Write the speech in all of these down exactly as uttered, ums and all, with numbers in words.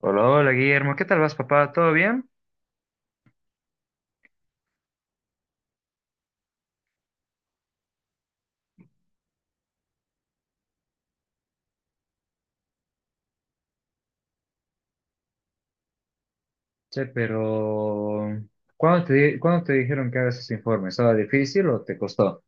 Hola, hola Guillermo, ¿qué tal vas, papá? ¿Todo bien? Che, pero ¿cuándo te, di- ¿cuándo te dijeron que hagas ese informe? ¿Estaba difícil o te costó?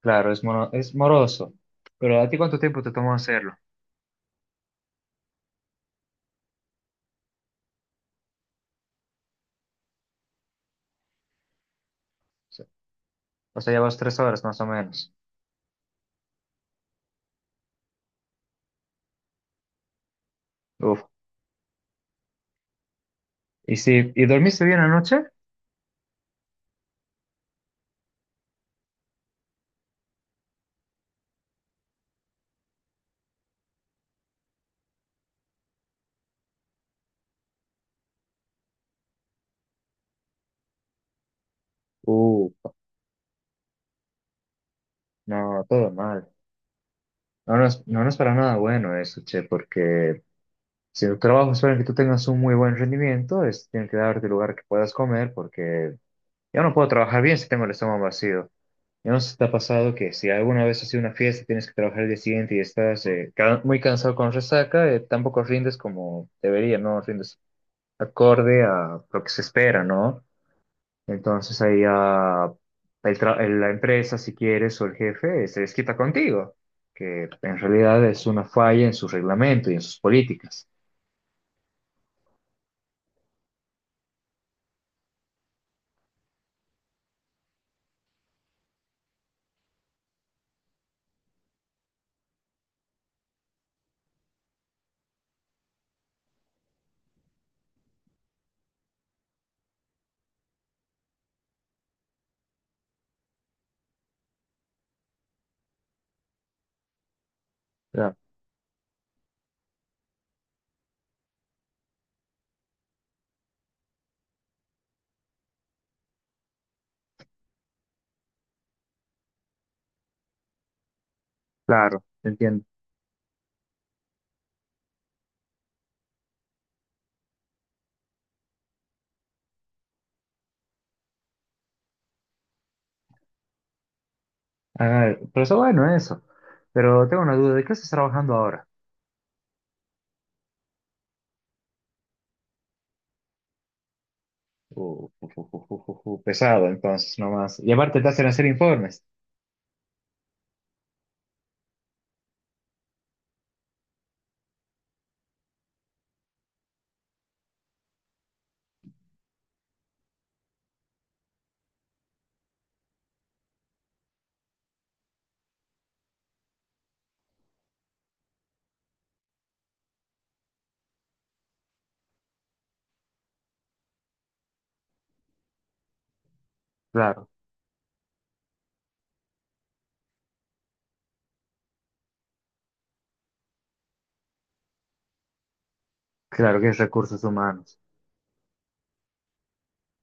Claro, es, moro- es moroso, pero ¿a ti cuánto tiempo te tomó hacerlo? Sí. O sea, ya vas tres horas más o menos. Uf. ¿Y sí, ¿y dormiste bien anoche? Uh, no, todo mal. No, no es, no, no es para nada bueno eso, che, porque si tu trabajo espera que tú tengas un muy buen rendimiento, es, tienen que darte lugar que puedas comer, porque yo no puedo trabajar bien si tengo el estómago vacío. Yo no sé si pasado que si alguna vez has ido una fiesta, tienes que trabajar el día siguiente y estás eh, ca- muy cansado con resaca, eh, tampoco rindes como debería, ¿no? Rindes acorde a lo que se espera, ¿no? Entonces ahí ya el tra- el- la empresa, si quieres, o el jefe, eh, se desquita contigo, que en realidad es una falla en su reglamento y en sus políticas. Ya, claro, te entiendo. Ah, pero eso bueno eso. Pero tengo una duda, ¿de qué estás trabajando ahora? Uh, uh, uh, uh, uh, uh, pesado, entonces, nomás. Y aparte te hacen hacer informes. Claro, claro que es recursos humanos.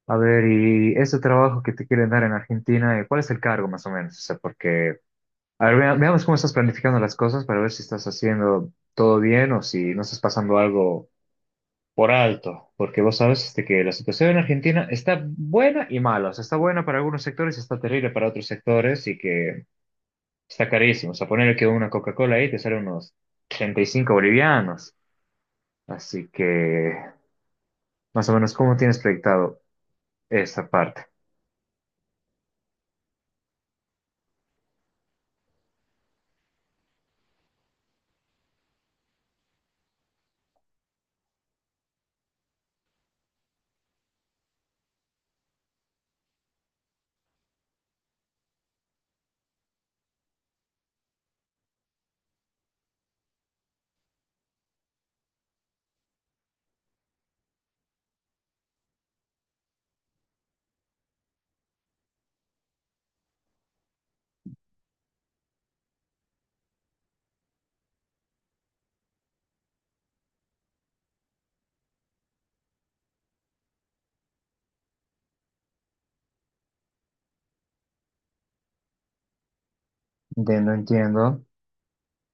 A ver, y ese trabajo que te quieren dar en Argentina, eh, ¿cuál es el cargo más o menos? O sea, porque, a ver, vea- veamos cómo estás planificando las cosas para ver si estás haciendo todo bien o si no estás pasando algo por alto, porque vos sabes este, que la situación en Argentina está buena y mala, o sea, está buena para algunos sectores y está terrible para otros sectores y que está carísimo. O sea, poner que una Coca-Cola ahí te sale unos treinta y cinco bolivianos. Así que, más o menos, ¿cómo tienes proyectado esa parte? Entiendo, entiendo.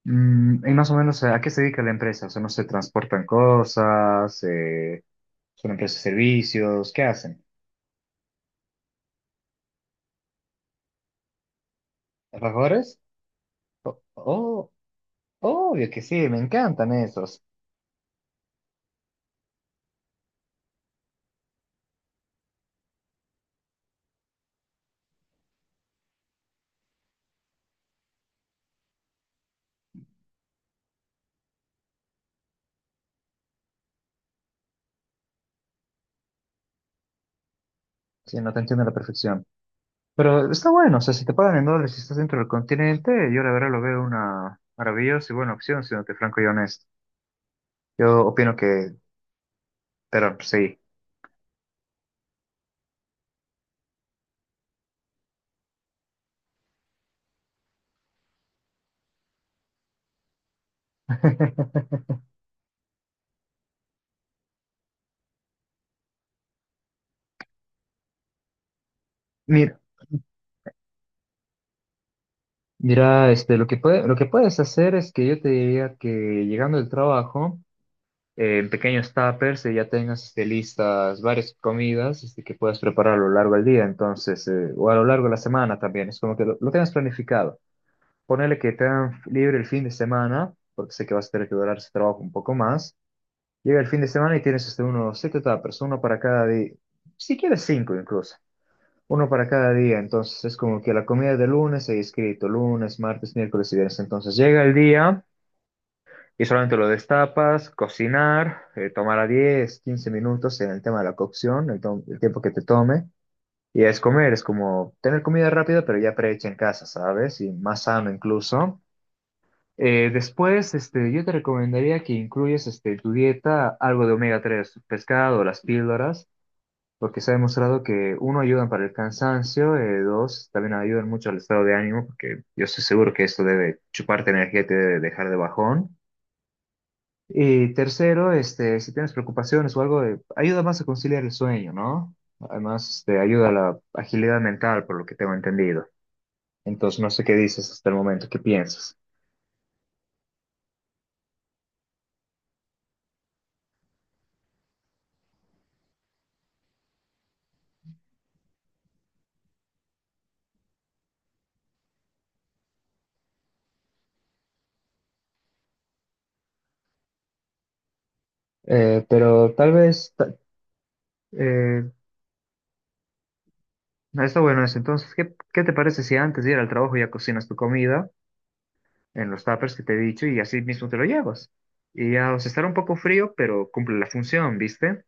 Mm, y más o menos, eh, ¿a qué se dedica la empresa? O sea, ¿no se transportan cosas? Eh, ¿son empresas de servicios? ¿Qué hacen? ¿Trabajadores? Oh, oh, obvio que sí, me encantan esos. Sí, no te entiendo a la perfección. Pero está bueno, o sea, si te pagan en dólares y estás dentro del continente, yo la verdad lo veo una maravillosa y buena opción, siéndote franco y honesto. Yo opino que, pero sí. Mira, mira, este, lo que puede, lo que puedes hacer es que yo te diría que llegando del trabajo, eh, en pequeños tuppers, eh, ya tengas este, listas varias comidas este, que puedas preparar a lo largo del día, entonces, eh, o a lo largo de la semana también, es como que lo, lo tengas planificado. Ponele que te dan libre el fin de semana, porque sé que vas a tener que durar ese trabajo un poco más. Llega el fin de semana y tienes hasta uno, siete tapas uno para cada día, si quieres cinco incluso, uno para cada día. Entonces es como que la comida de lunes hay escrito, lunes, martes, miércoles y viernes. Entonces llega el día y solamente lo destapas, cocinar, eh, tomará diez quince minutos en el tema de la cocción, el, to- el tiempo que te tome. Y es comer, es como tener comida rápida, pero ya prehecha en casa, ¿sabes? Y más sano incluso. Eh, después, este, yo te recomendaría que incluyas este, tu dieta algo de omega tres pescado, las píldoras, porque se ha demostrado que uno ayudan para el cansancio, eh, dos también ayudan mucho al estado de ánimo, porque yo estoy seguro que esto debe chuparte energía y te debe dejar de bajón. Y tercero, este, si tienes preocupaciones o algo, eh, ayuda más a conciliar el sueño, ¿no? Además, este, ayuda a la agilidad mental, por lo que tengo entendido. Entonces, no sé qué dices hasta el momento, qué piensas. Eh, pero tal vez... ta- eh, No, está bueno eso. Entonces, ¿qué, qué te parece si antes de ir al trabajo ya cocinas tu comida en los tuppers que te he dicho y así mismo te lo llevas? Y ya, o sea, estará un poco frío, pero cumple la función, ¿viste?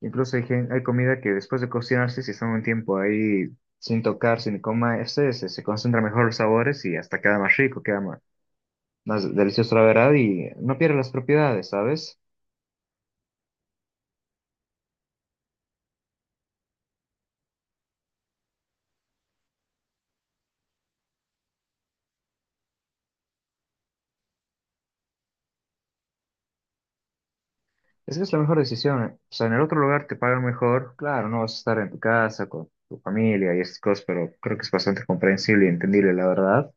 Incluso hay, gen- hay comida que después de cocinarse, si están un tiempo ahí sin tocar, sin comerse, se, se concentran mejor los sabores y hasta queda más rico, queda más más, delicioso la verdad y no pierde las propiedades, ¿sabes? Es que es la mejor decisión. Eh. O sea, en el otro lugar te pagan mejor. Claro, no vas a estar en tu casa con tu familia y estas cosas, pero creo que es bastante comprensible y entendible, la verdad.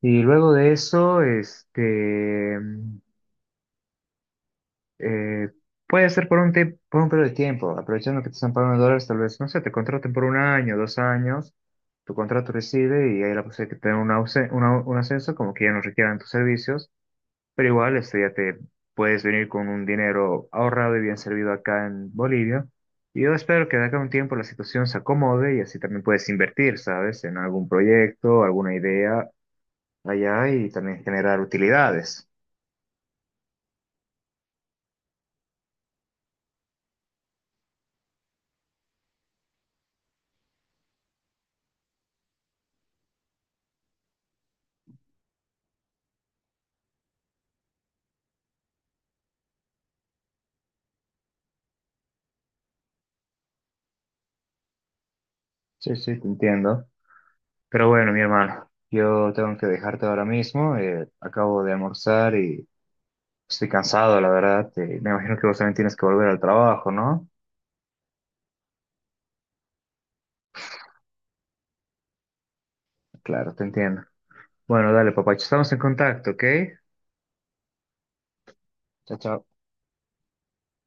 Y luego de eso, este, mm, eh, puede ser por un, tie- por un periodo de tiempo, aprovechando que te están pagando en dólares, tal vez, no sé, te contraten por un año, dos años, tu contrato recibe y hay la posibilidad de que te den un, ausen- una- un ascenso, como que ya no requieran tus servicios. Pero igual, este, ya te puedes venir con un dinero ahorrado y bien servido acá en Bolivia. Y yo espero que de acá a un tiempo la situación se acomode y así también puedes invertir, ¿sabes? En algún proyecto, alguna idea allá y también generar utilidades. Sí, sí, te entiendo. Pero bueno, mi hermano, yo tengo que dejarte ahora mismo. Eh, acabo de almorzar y estoy cansado, la verdad. Eh, me imagino que vos también tienes que volver al trabajo, ¿no? Claro, te entiendo. Bueno, dale, papacho, estamos en contacto, ¿ok? Chao, chao.